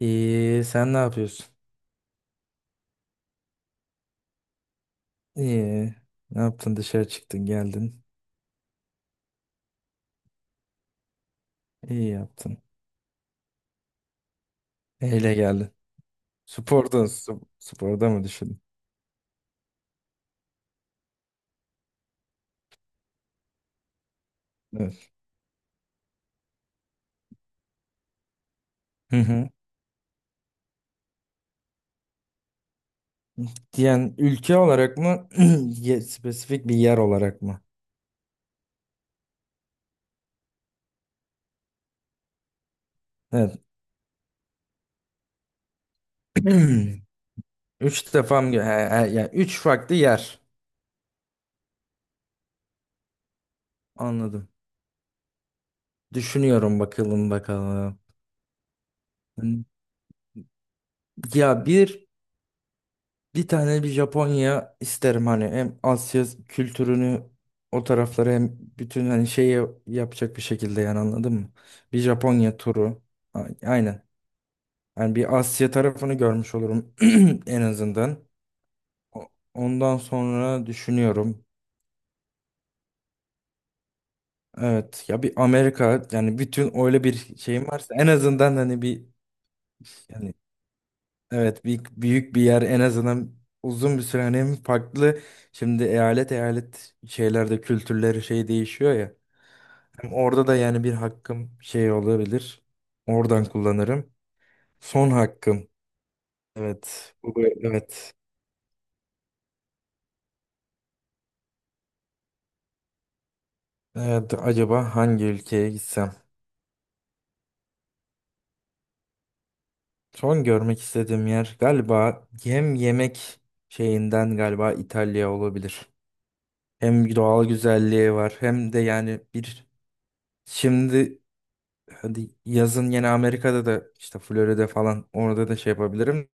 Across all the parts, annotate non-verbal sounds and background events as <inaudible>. İyi, sen ne yapıyorsun? İyi. Ne yaptın? Dışarı çıktın, geldin. İyi yaptın. Neyle geldin? Sporda, sporda mı düşündün? Evet. Hı hı. Yani ülke olarak mı? <clears throat> Spesifik bir yer olarak mı? Evet. <clears throat> Üç defam. He, he, yani üç farklı yer. Anladım. Düşünüyorum bakalım bakalım. Ya bir Bir tane bir Japonya isterim, hani hem Asya kültürünü, o taraflara, hem bütün hani şeyi yapacak bir şekilde, yani anladın mı? Bir Japonya turu. Aynen. Yani bir Asya tarafını görmüş olurum <clears throat> en azından. Ondan sonra düşünüyorum. Evet, ya bir Amerika, yani bütün öyle bir şeyim varsa en azından hani bir yani. Evet, büyük, büyük bir yer, en azından uzun bir süre, hani hem farklı şimdi eyalet eyalet şeylerde kültürleri şey değişiyor ya. Hem orada da yani bir hakkım şey olabilir. Oradan kullanırım. Son hakkım. Evet. Evet. Evet, acaba hangi ülkeye gitsem? Son görmek istediğim yer galiba hem yemek şeyinden galiba İtalya olabilir. Hem doğal güzelliği var hem de yani bir şimdi, hadi yazın yine Amerika'da da işte Florida'da falan, orada da şey yapabilirim.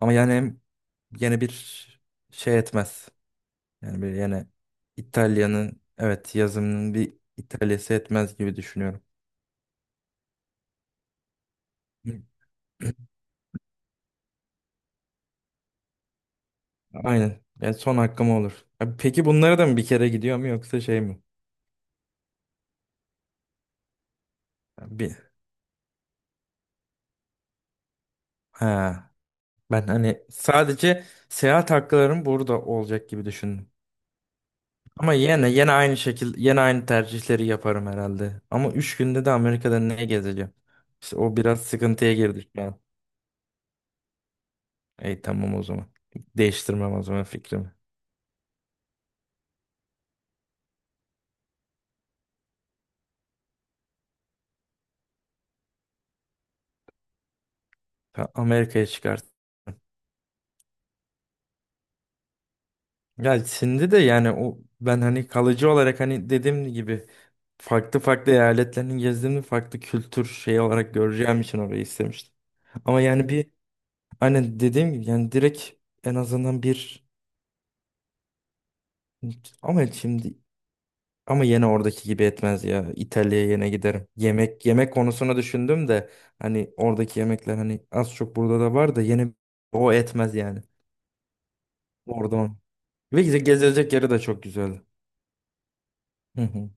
Ama yani hem yine bir şey etmez. Yani bir yine İtalya'nın, evet, yazımının, bir İtalya'sı etmez gibi düşünüyorum. Hı. Aynen. Yani son hakkım olur. Abi, peki bunlara da mı bir kere gidiyor, mu yoksa şey mi? Yani bir ha, ben hani sadece seyahat haklarım burada olacak gibi düşündüm. Ama yine aynı şekil, yine aynı tercihleri yaparım herhalde. Ama 3 günde de Amerika'da ne gezeceğim? İşte o biraz sıkıntıya girdik şu an. Ey, tamam o zaman. Değiştirmem o zaman fikrimi. Amerika'ya çıkart. Ya şimdi de yani o ben hani kalıcı olarak, hani dediğim gibi, farklı farklı eyaletlerini gezdiğimde farklı kültür şeyi olarak göreceğim için orayı istemiştim. Ama yani bir, aynen dediğim gibi, yani direkt en azından bir, ama şimdi, ama yine oradaki gibi etmez ya. İtalya'ya yine giderim. Yemek yemek konusunu düşündüm de hani oradaki yemekler hani az çok burada da var da yine o etmez yani. Orada on. Ve gezilecek yeri de çok güzel. Hı hı.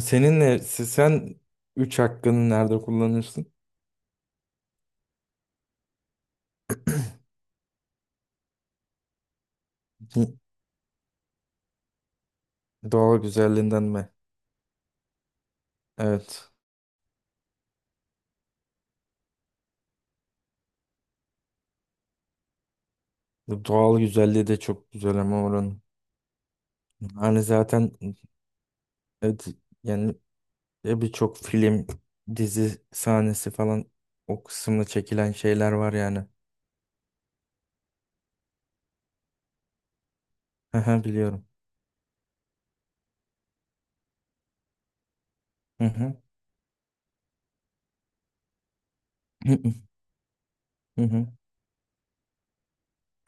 Sen 3 hakkını nerede kullanırsın? Hı, doğal güzelliğinden mi? Evet. Bu doğal güzelliği de çok güzel ama oranın. Hani zaten, evet, yani e birçok film, dizi sahnesi falan o kısımda çekilen şeyler var yani. Hı hı, biliyorum. Hı hı. Hı hı. Hı hı.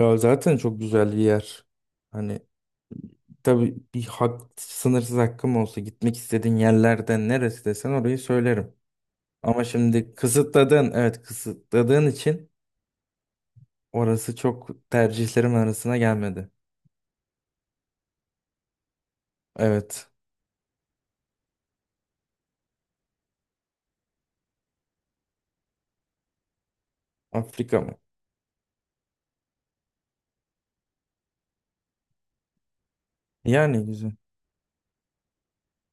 Ya zaten çok güzel bir yer. Hani tabii, bir hak, sınırsız hakkım olsa gitmek istediğin yerlerden neresi desen orayı söylerim. Ama şimdi kısıtladığın, evet, kısıtladığın için orası çok tercihlerim arasına gelmedi. Evet. Afrika mı? Yani güzel.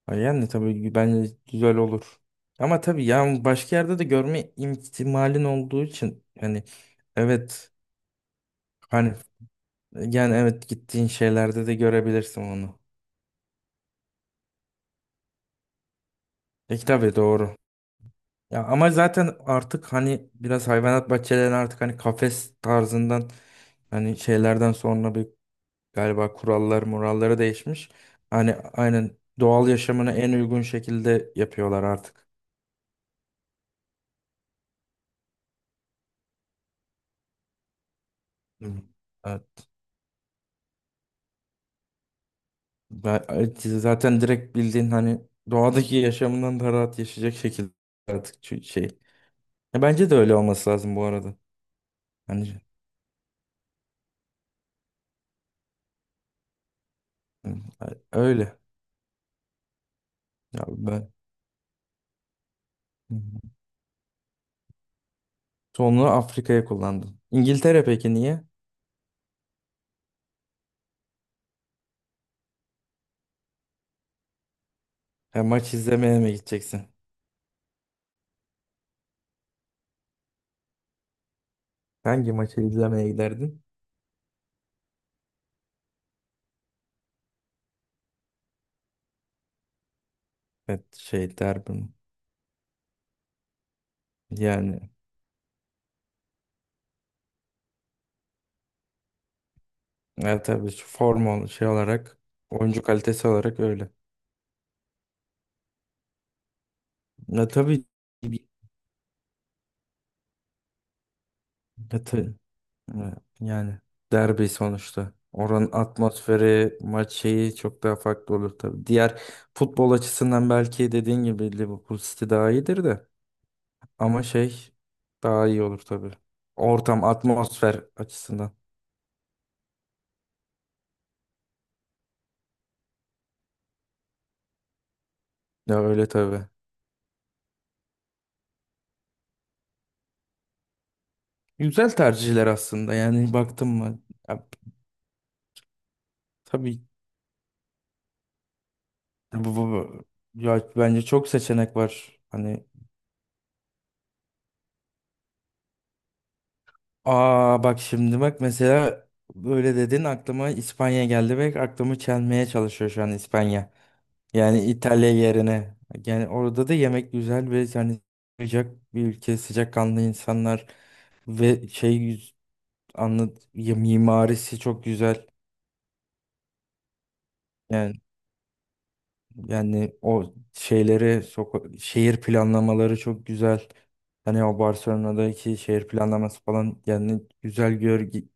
Ha, yani tabii bence güzel olur. Ama tabii yani başka yerde de görme ihtimalin olduğu için hani evet, hani yani evet gittiğin şeylerde de görebilirsin onu. E tabii, doğru. Ya ama zaten artık hani biraz hayvanat bahçelerine, artık hani kafes tarzından, hani şeylerden sonra bir, galiba kurallar muralları değişmiş. Hani aynen doğal yaşamına en uygun şekilde yapıyorlar artık. Hı. Ben zaten direkt bildiğin hani doğadaki <laughs> yaşamından daha rahat yaşayacak şekilde artık, şey. Ya bence de öyle olması lazım bu arada. Hani hı, öyle. Ya ben, hı, hı. Sonra Afrika'ya kullandım. İngiltere peki niye? Ya maç izlemeye mi gideceksin? Hangi maçı izlemeye giderdin? Evet, şey, derbi mi? Yani ya tabii, şu formal şey olarak, oyuncu kalitesi olarak öyle. Ya tabii ya, evet, yani derbi sonuçta. Oranın atmosferi, maç şeyi çok daha farklı olur tabii. Diğer futbol açısından belki dediğin gibi Liverpool City daha iyidir de. Ama şey daha iyi olur tabii. Ortam, atmosfer açısından. Ya öyle tabii. Güzel tercihler aslında, yani baktım mı? Ya tabii. bu, bu- bu- Ya bence çok seçenek var. Hani, aa, bak şimdi, bak mesela, böyle dedin aklıma İspanya geldi ve aklımı çelmeye çalışıyor şu an İspanya. Yani İtalya yerine. Yani orada da yemek güzel ve yani sıcak bir ülke, sıcakkanlı insanlar ve şey, anlat ya, mimarisi çok güzel. Yani Yani o şeyleri, şehir planlamaları çok güzel. Hani o Barcelona'daki şehir planlaması falan, yani güzel,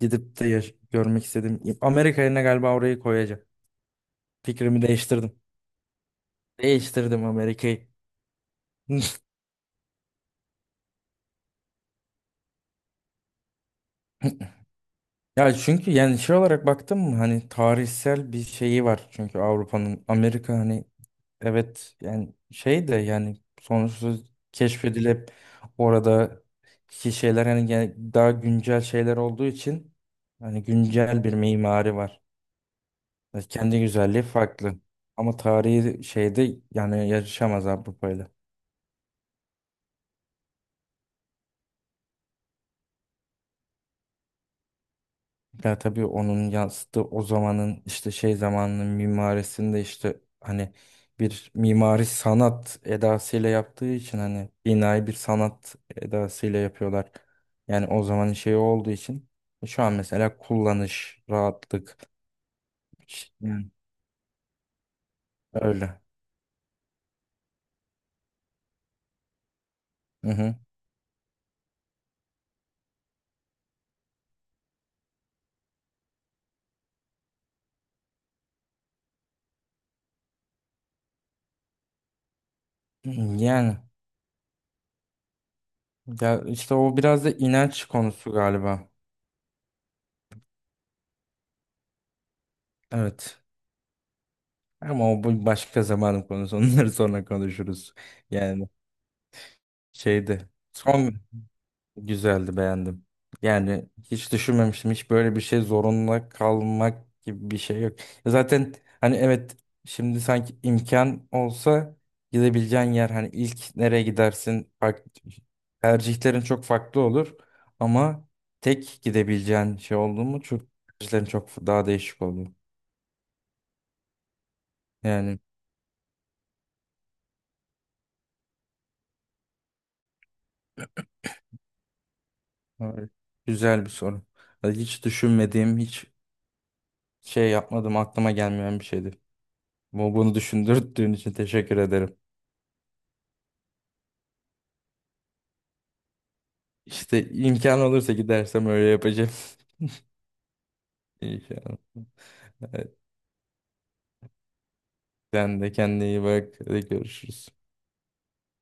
gidip de görmek istedim. Amerika yerine galiba orayı koyacağım. Fikrimi değiştirdim. Değiştirdim Amerika'yı. <laughs> Ya çünkü yani şey olarak baktım mı hani tarihsel bir şeyi var çünkü Avrupa'nın, Amerika hani, evet, yani şey de yani sonuçta keşfedilip orada ki şeyler hani, daha güncel şeyler olduğu için hani güncel bir mimari var. Yani kendi güzelliği farklı. Ama tarihi şeyde yani yarışamaz Avrupa'yla. Ya tabii onun yansıttığı o zamanın işte şey, zamanının mimarisinde işte hani, bir mimari sanat edasıyla yaptığı için hani, binayı bir sanat edasıyla yapıyorlar. Yani o zamanın şeyi olduğu için şu an mesela kullanış, rahatlık, yani öyle. Hı hı. Yani ya işte o biraz da inanç konusu galiba. Evet. Ama o bu başka zamanın konusu. <laughs> Onları sonra konuşuruz. Yani şeydi son. Güzeldi, beğendim. Yani hiç düşünmemiştim. Hiç böyle bir şey zorunda kalmak gibi bir şey yok. Zaten hani, evet, şimdi sanki imkan olsa gidebileceğin yer hani ilk nereye gidersin, tercihlerin çok farklı olur ama tek gidebileceğin şey oldu mu çok, tercihlerin çok daha değişik olur. Yani evet, güzel bir soru. Yani hiç düşünmediğim, hiç şey yapmadım, aklıma gelmeyen bir şeydi. Bunu düşündürdüğün için teşekkür ederim. İşte imkan olursa gidersem öyle yapacağım. <laughs> İmkan. Evet, sen de kendine iyi bak. Hadi görüşürüz.